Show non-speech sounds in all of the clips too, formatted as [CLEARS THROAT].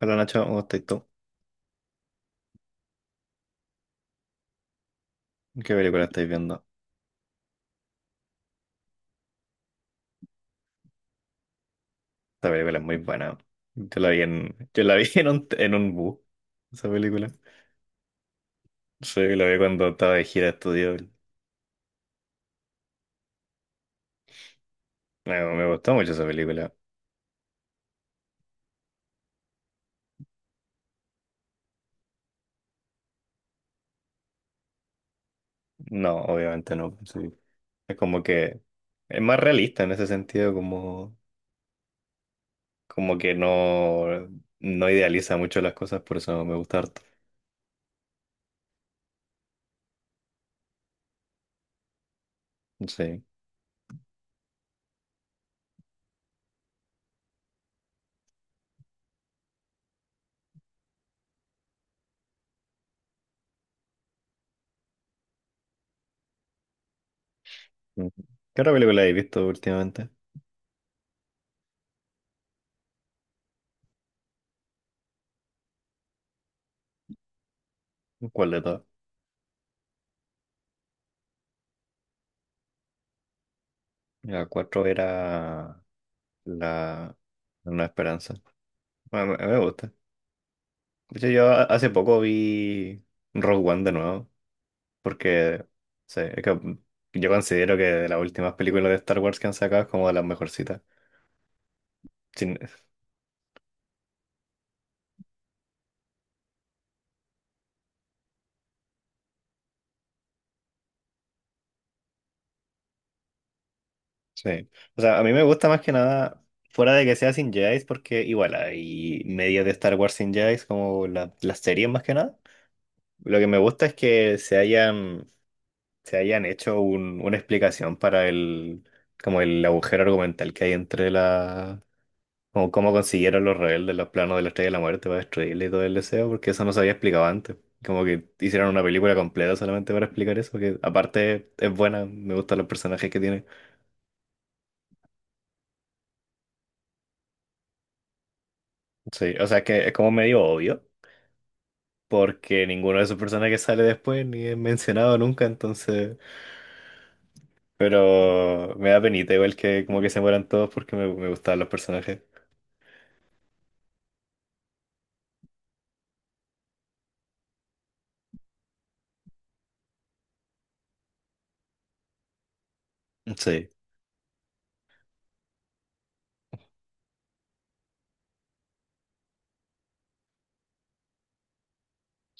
Hola Nacho, ¿cómo estáis tú? ¿Qué película estáis viendo? Esta película es muy buena. Yo la vi [LAUGHS] yo la vi [LAUGHS] en un bus, esa película. Sí, la vi cuando estaba de gira de estudio. Me gustó mucho esa película. No, obviamente no, pues sí. Es como que es más realista en ese sentido, como, como que no idealiza mucho las cosas, por eso me gusta harto. Sí. Ujú. ¿Qué otra película habéis visto últimamente? ¿Cuál de todas? La cuatro era la Una Esperanza. Bueno, me gusta. De hecho, yo hace poco vi Rogue One de nuevo, porque sí, es que yo considero que de las últimas películas de Star Wars que han sacado es como de las mejorcitas. Sin- sí. O sea, a mí me gusta más que nada, fuera de que sea sin Jedi, porque igual hay medios de Star Wars sin Jedi, como las series más que nada. Lo que me gusta es que se hayan hecho una explicación para el, como el agujero argumental que hay entre la. Como cómo consiguieron los rebeldes los planos de la Estrella de la Muerte para destruirle y todo el deseo, porque eso no se había explicado antes. Como que hicieron una película completa solamente para explicar eso, que aparte es buena, me gustan los personajes que tiene. Sí, o sea, es que es como medio obvio, porque ninguno de esos personajes sale después ni es mencionado nunca, entonces. Pero me da penita igual que como que se mueran todos porque me gustaban los personajes. Sí,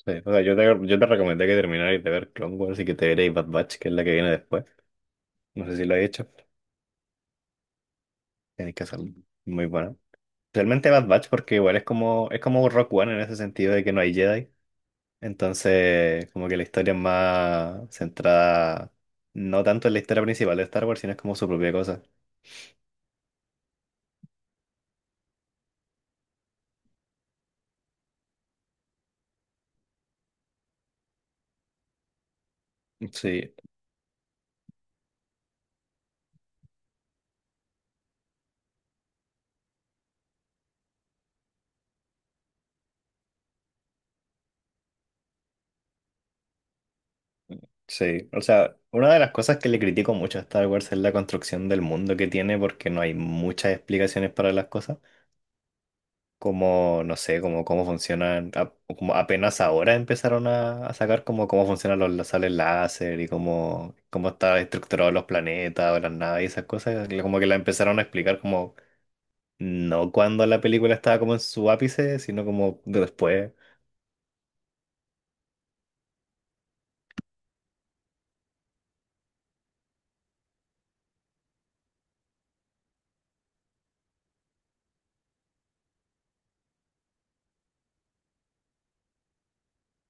sí. O sea, yo te recomendé que terminarais de ver Clone Wars y que te vierais Bad Batch, que es la que viene después. No sé si lo he hecho. Tiene que ser muy bueno. Realmente Bad Batch porque igual es como Rock One en ese sentido de que no hay Jedi. Entonces, como que la historia es más centrada, no tanto en la historia principal de Star Wars, sino es como su propia cosa. Sí, sí. O sea, una de las cosas que le critico mucho a Star Wars es la construcción del mundo que tiene porque no hay muchas explicaciones para las cosas, como, no sé, como cómo funcionan, como apenas ahora empezaron a sacar como cómo funcionan los láseres láser y cómo, cómo están estructurados los planetas o las naves y esas cosas, como que la empezaron a explicar como no cuando la película estaba como en su ápice, sino como de después,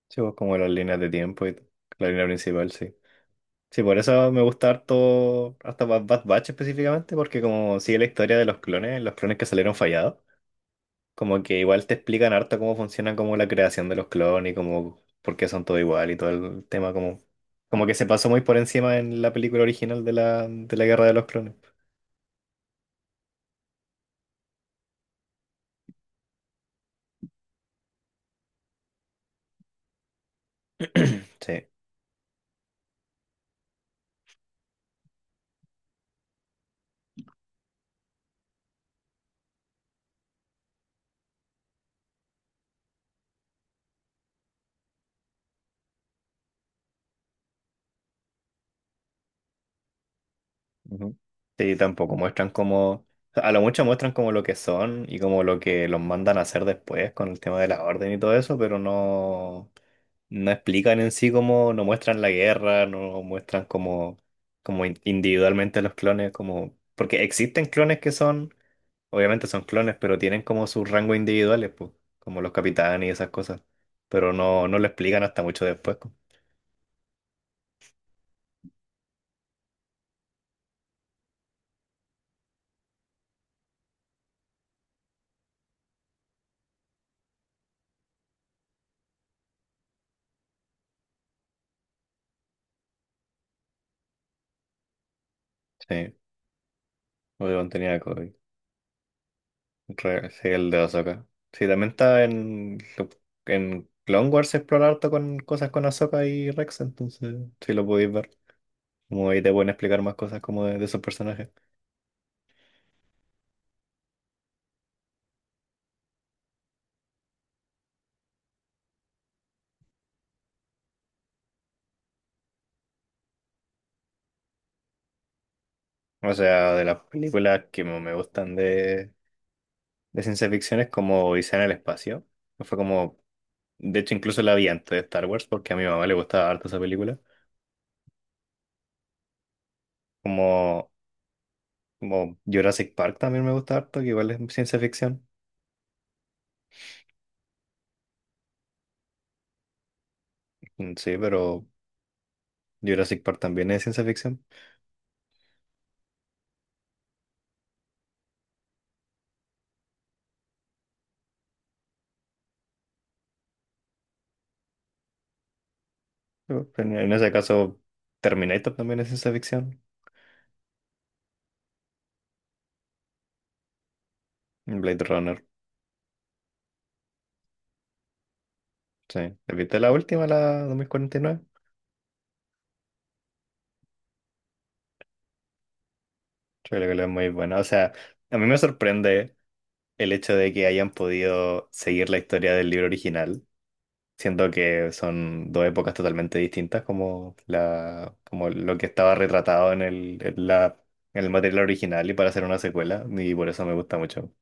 sí, pues, como las líneas de tiempo y la línea principal, sí. Sí, por eso me gusta harto, hasta Bad Bad Batch específicamente, porque como sigue la historia de los clones que salieron fallados. Como que igual te explican harto cómo funciona como la creación de los clones y como por qué son todo igual y todo el tema como como que se pasó muy por encima en la película original de la Guerra de los Clones. [CLEARS THROAT] Sí. Ujú. Sí, tampoco muestran como a lo mucho muestran como lo que son y como lo que los mandan a hacer después con el tema de la orden y todo eso, pero no no explican en sí cómo, no muestran la guerra, no muestran cómo, cómo individualmente los clones, como, porque existen clones que son, obviamente son clones, pero tienen como sus rangos individuales, pues, como los capitanes y esas cosas, pero no, no lo explican hasta mucho después, pues. Sí, Obi-Wan tenía COVID. Sí, el de Ahsoka. Sí, también está en en Clone Wars se explora harto con cosas con Ahsoka y Rex, entonces sí lo podéis ver. Como ahí te pueden explicar más cosas como de esos personajes. O sea, de las películas que me gustan de ciencia ficción es como Odisea en el espacio. Fue como, de hecho, incluso la vi antes de Star Wars porque a mi mamá le gustaba harto esa película. Como, como Jurassic Park también me gusta harto, que igual es ciencia ficción. Mm, sí, pero Jurassic Park también es ciencia ficción. Pero en ese caso, Terminator también es ciencia ficción. Blade Runner, sí. ¿Viste la última, la 2049? Yo creo que la es muy buena. O sea, a mí me sorprende el hecho de que hayan podido seguir la historia del libro original, siendo que son dos épocas totalmente distintas, como, la, como lo que estaba retratado en el, en la, en el material original y para hacer una secuela, y por eso me gusta mucho.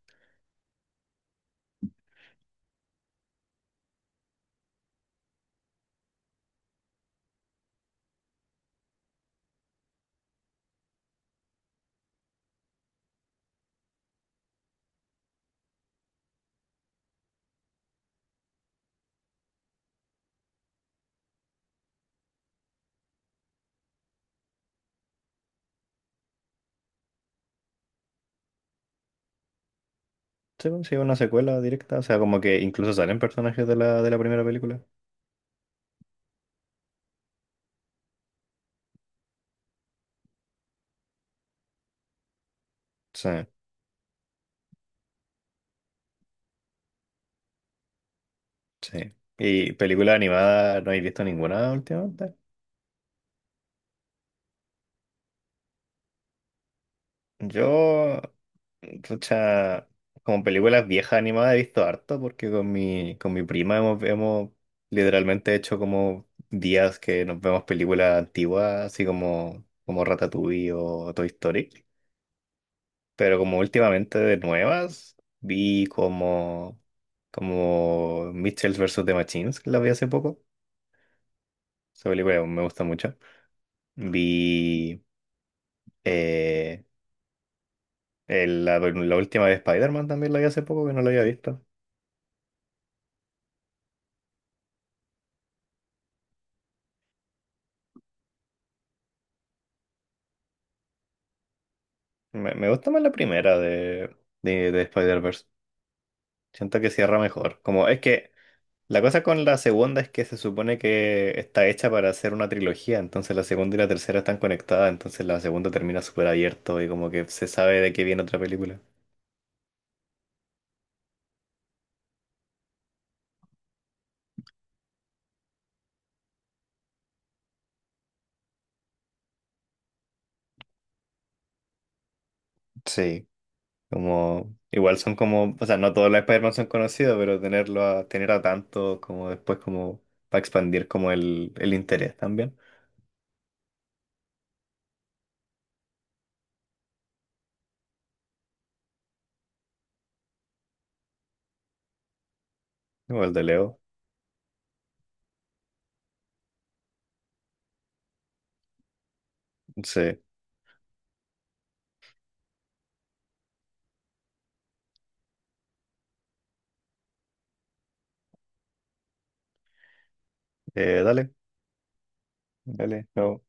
Sí, bueno, sí, una secuela directa, o sea, como que incluso salen personajes de la primera película. Sí, sí. ¿Y película animada no he visto ninguna últimamente? Yo Pucha, como películas viejas animadas he visto harto porque con mi prima hemos, hemos literalmente hecho como días que nos vemos películas antiguas, así como, como Ratatouille o Toy Story. Pero como últimamente de nuevas, vi como, como Mitchell versus The Machines, que la vi hace poco. Esa película me gusta mucho. Vi eh, la última de Spider-Man también la vi hace poco, que no la había visto. Me gusta más la primera de Spider-Verse. Siento que cierra mejor. Como es que la cosa con la segunda es que se supone que está hecha para hacer una trilogía, entonces la segunda y la tercera están conectadas, entonces la segunda termina súper abierto y como que se sabe de qué viene otra película. Sí, como, igual son como, o sea, no todos los Spider-Man son conocidos, pero tenerlo a, tener a tanto como después como para expandir como el interés también. Igual de Leo. Sí. Dale, dale. No.